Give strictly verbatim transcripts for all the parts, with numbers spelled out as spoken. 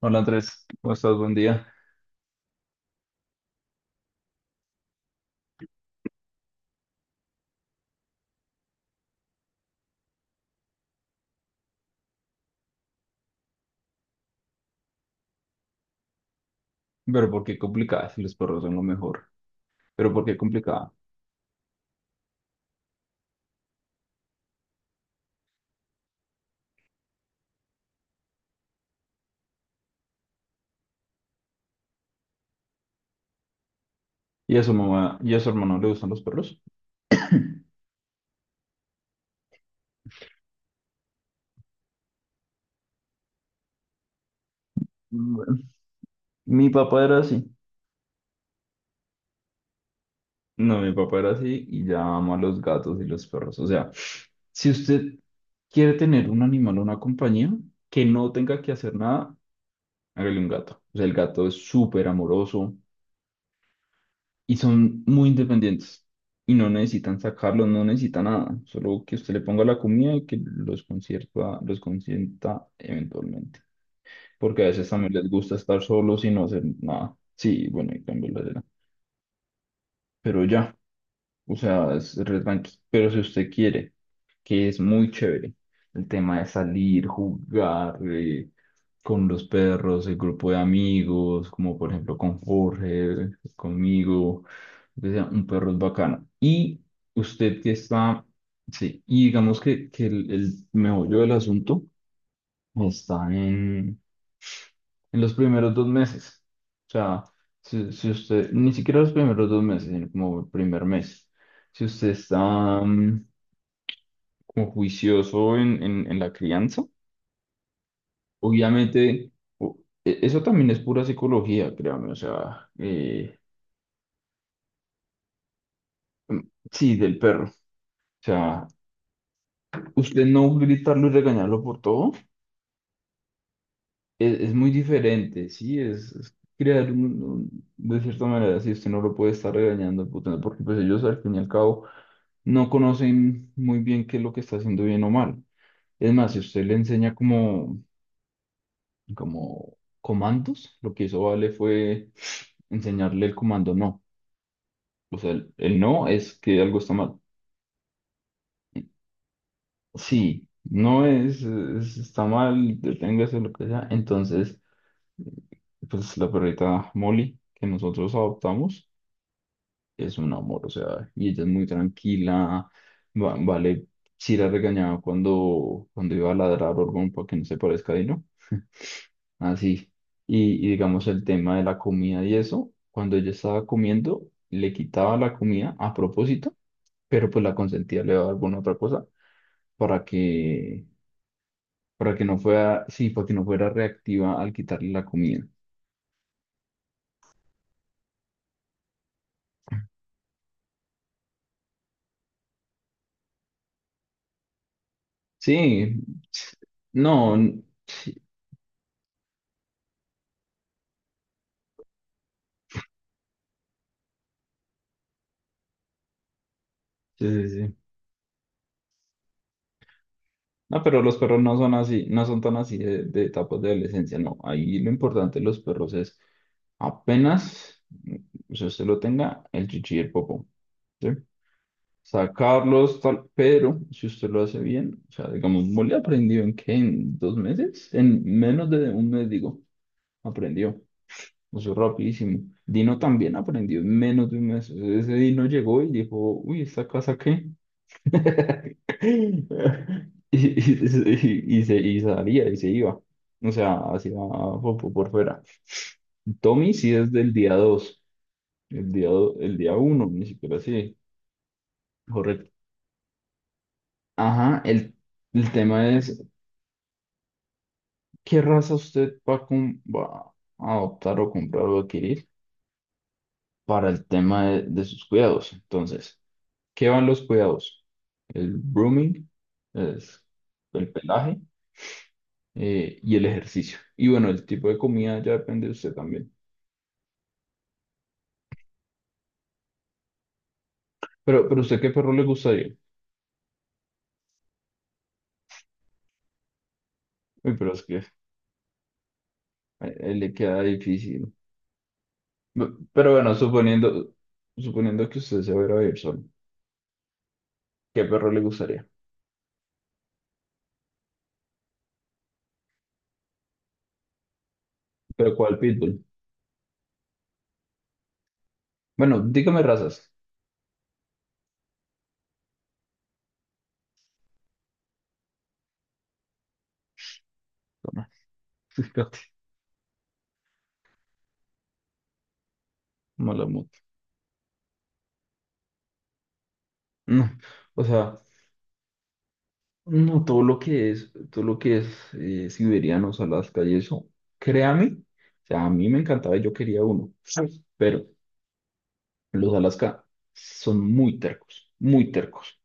Hola Andrés, ¿cómo estás? Buen día. Pero ¿por qué complicada si los perros son lo mejor? Pero ¿por qué complicada? ¿Y a su mamá y a su hermano le gustan los perros? Bueno, mi papá era así. No, mi papá era así y ya ama los gatos y los perros. O sea, si usted quiere tener un animal o una compañía que no tenga que hacer nada, hágale un gato. O sea, el gato es súper amoroso, y son muy independientes y no necesitan sacarlos, no necesitan nada, solo que usted le ponga la comida y que los concierta, los consienta eventualmente, porque a veces también les gusta estar solos y no hacer nada. Sí, bueno, y cambio la era. Pero ya, o sea, es re tranqui. Pero si usted quiere que es muy chévere. El tema de salir, jugar eh, con los perros, el grupo de amigos, como por ejemplo con Jorge, conmigo. O sea, un perro es bacano. Y usted que está, sí, y digamos que, que el, el meollo del asunto está en, en los primeros dos meses. O sea, si, si usted, ni siquiera los primeros dos meses, sino como el primer mes. Si usted está mm, como juicioso en, en, en la crianza. Obviamente, o- e- eso también es pura psicología, créame, o sea, eh, sí, del perro. O sea, usted no gritarlo y regañarlo por todo es, es muy diferente, sí, es, es crear un, un- de cierta manera, si usted no lo puede estar regañando, puta, porque pues ellos al fin y al cabo no conocen muy bien qué es lo que está haciendo bien o mal. Es más, si usted le enseña como, como comandos, lo que hizo Vale fue enseñarle el comando no. O sea, el, el no es que algo está mal. Sí, no es, es- está mal, deténgase lo que sea. Entonces, pues la perrita Molly que nosotros adoptamos es un amor, o sea, y ella es muy tranquila. va- vale, si la regañaba cuando, cuando iba a ladrar Orgón para que no se parezca a Dino. Así. Y, y digamos el tema de la comida y eso, cuando ella estaba comiendo, le quitaba la comida a propósito, pero pues la consentía, le daba alguna otra cosa para que para que no fuera, sí, para que no fuera reactiva al quitarle la comida. Sí, no, n- sí, sí, sí, sí. No, pero los perros no son así, no son tan así de, de etapas de adolescencia, no. Ahí lo importante de los perros es apenas, mm, si usted lo tenga, el chichi y el popó, ¿sí? Sacarlos, tal, pero si usted lo hace bien, o sea, digamos, Molly aprendió en qué, en dos meses, en menos de un mes, digo, aprendió. Eso rapidísimo. Dino también aprendió en menos de un mes. Ese Dino llegó y dijo, uy, ¿esta casa qué? Y, y- y y se, y salía y se iba. O sea, hacía po- por, fuera. Tommy sí es del día dos. El día, do- el día uno ni siquiera así. Correcto. Ajá, el, el tema es, ¿qué raza usted va a, com- va a adoptar o comprar o adquirir para el tema de de sus cuidados? Entonces... ¿Qué van los cuidados? El grooming, es el pelaje eh, y el ejercicio. Y bueno, el tipo de comida ya depende de usted también. Pero, pero ¿usted qué perro le gustaría? Uy, pero es que a él le queda difícil. B- Pero bueno, suponiendo, suponiendo que usted se va a ir a vivir solo, ¿qué perro le gustaría? ¿Pero cuál pitbull? Bueno, dígame razas. Malamute. No, o sea. No, todo lo que es, todo lo que es eh, siberianos, Alaska y eso, créame, o sea, a mí me encantaba y yo quería uno, Sí, pero los Alaska son muy tercos, muy tercos.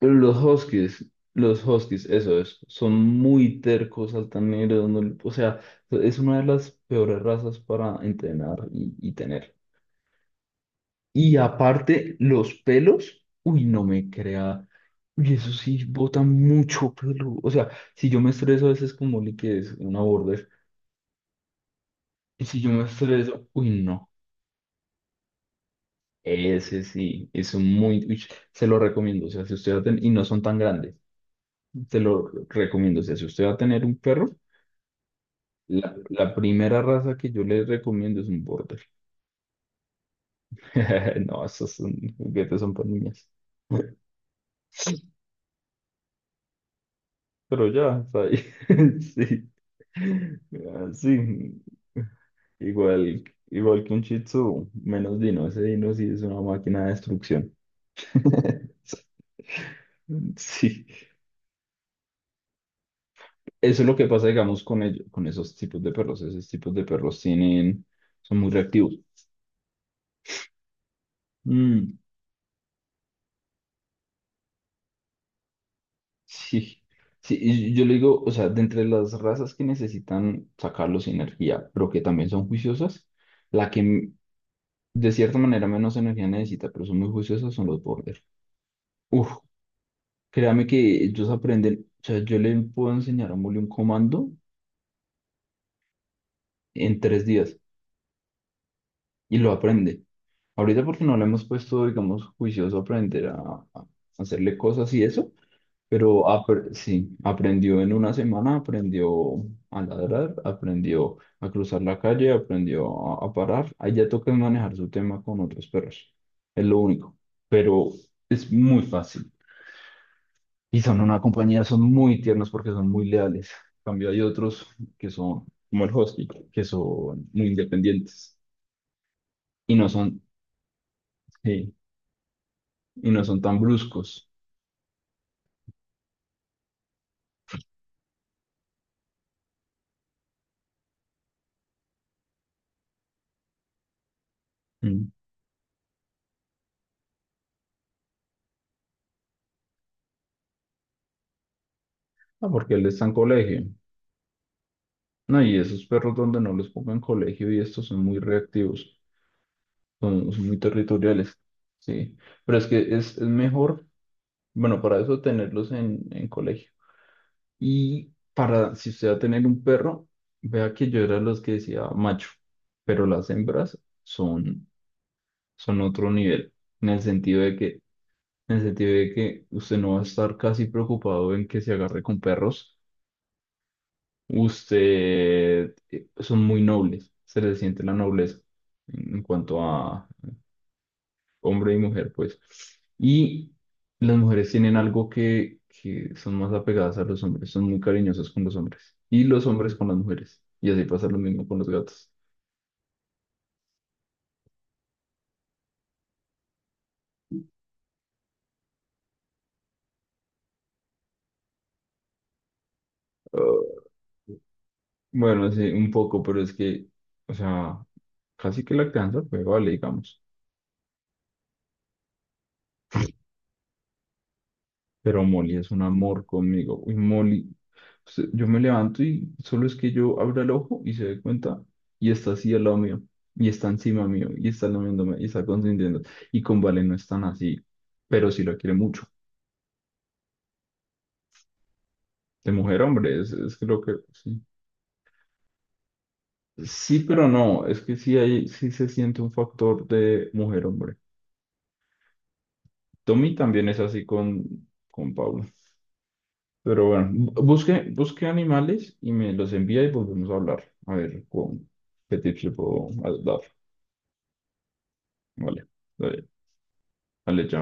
Los Huskies, los Huskies, eso es, son muy tercos, altaneros, no- o sea, es una de las peores razas para entrenar y, y tener. Y aparte, los pelos, uy, no me crea. Uy, eso sí, bota mucho pelo. O sea, si yo me estreso, a veces como Oli, que es una border. Y si yo me estreso, uy, no. Ese sí, es un muy. Uy, se lo recomiendo. O sea, si usted va a tener. Y no son tan grandes. Se lo recomiendo. O sea, si usted va a tener un perro, la, la primera raza que yo le recomiendo es un border. No, esos son juguetes, son para niñas. Pero ya, está ahí. Sí. Así. Igual, igual que un Shih Tzu, menos Dino. Ese Dino sí es una máquina de destrucción. Sí. Eso es lo que pasa, digamos, con ellos, con esos tipos de perros. Esos tipos de perros tienen, son muy reactivos. Mm, sí. Sí, y yo le digo, o sea, de entre las razas que necesitan sacarlos energía, pero que también son juiciosas, la que de cierta manera, menos energía necesita, pero son muy juiciosos, son los border. Uf, créame que ellos aprenden, o sea, yo le puedo enseñar a Muli un comando en tres días y lo aprende. Ahorita porque no le hemos puesto, digamos, juicioso a aprender a, a hacerle cosas y eso, pero apre- sí, aprendió en una semana, aprendió a ladrar, aprendió a cruzar la calle, aprendió a, a parar. Ahí ya toca manejar su tema con otros perros, es lo único, pero es muy fácil. Y son una compañía, son muy tiernos porque son muy leales. En cambio, hay otros que son, como el Husky, que son muy independientes y no son, sí, y no son tan bruscos. Mm. Ah, porque él está en colegio. No, y esos perros donde no los pongan en colegio y estos son muy reactivos, son, son muy territoriales. Sí, pero es que es, es mejor, bueno, para eso tenerlos en, en colegio. Y para, si usted va a tener un perro, vea que yo era los que decía macho, pero las hembras son, son otro nivel, en el sentido de que, en el sentido de que usted no va a estar casi preocupado en que se agarre con perros. Usted, eh, son muy nobles, se le siente la nobleza en en cuanto a, hombre y mujer, pues. Y las mujeres tienen algo que, que son más apegadas a los hombres, son muy cariñosas con los hombres y los hombres con las mujeres. Y así pasa lo mismo con los gatos. Ah, bueno, sí, un poco, pero es que, o sea, casi que la crianza fue, vale, digamos. Pero Molly es un amor conmigo. Uy, Molly, se- yo me levanto y solo es que yo abro el ojo y se dé cuenta y está así al lado mío y está encima mío y está lamiéndome y está consintiendo. Y con Vale no es tan así, pero sí lo quiere mucho. De mujer, a hombre, es, es lo que sí. Sí, pero no, es que sí, hay, sí se siente un factor de mujer, hombre. Tommy también es así con, con Pablo. Pero bueno, bu- busque, busque animales y me los envía y volvemos a hablar. A ver, con, ¿qué tips le puedo dar? Vale, vale, vale, chao.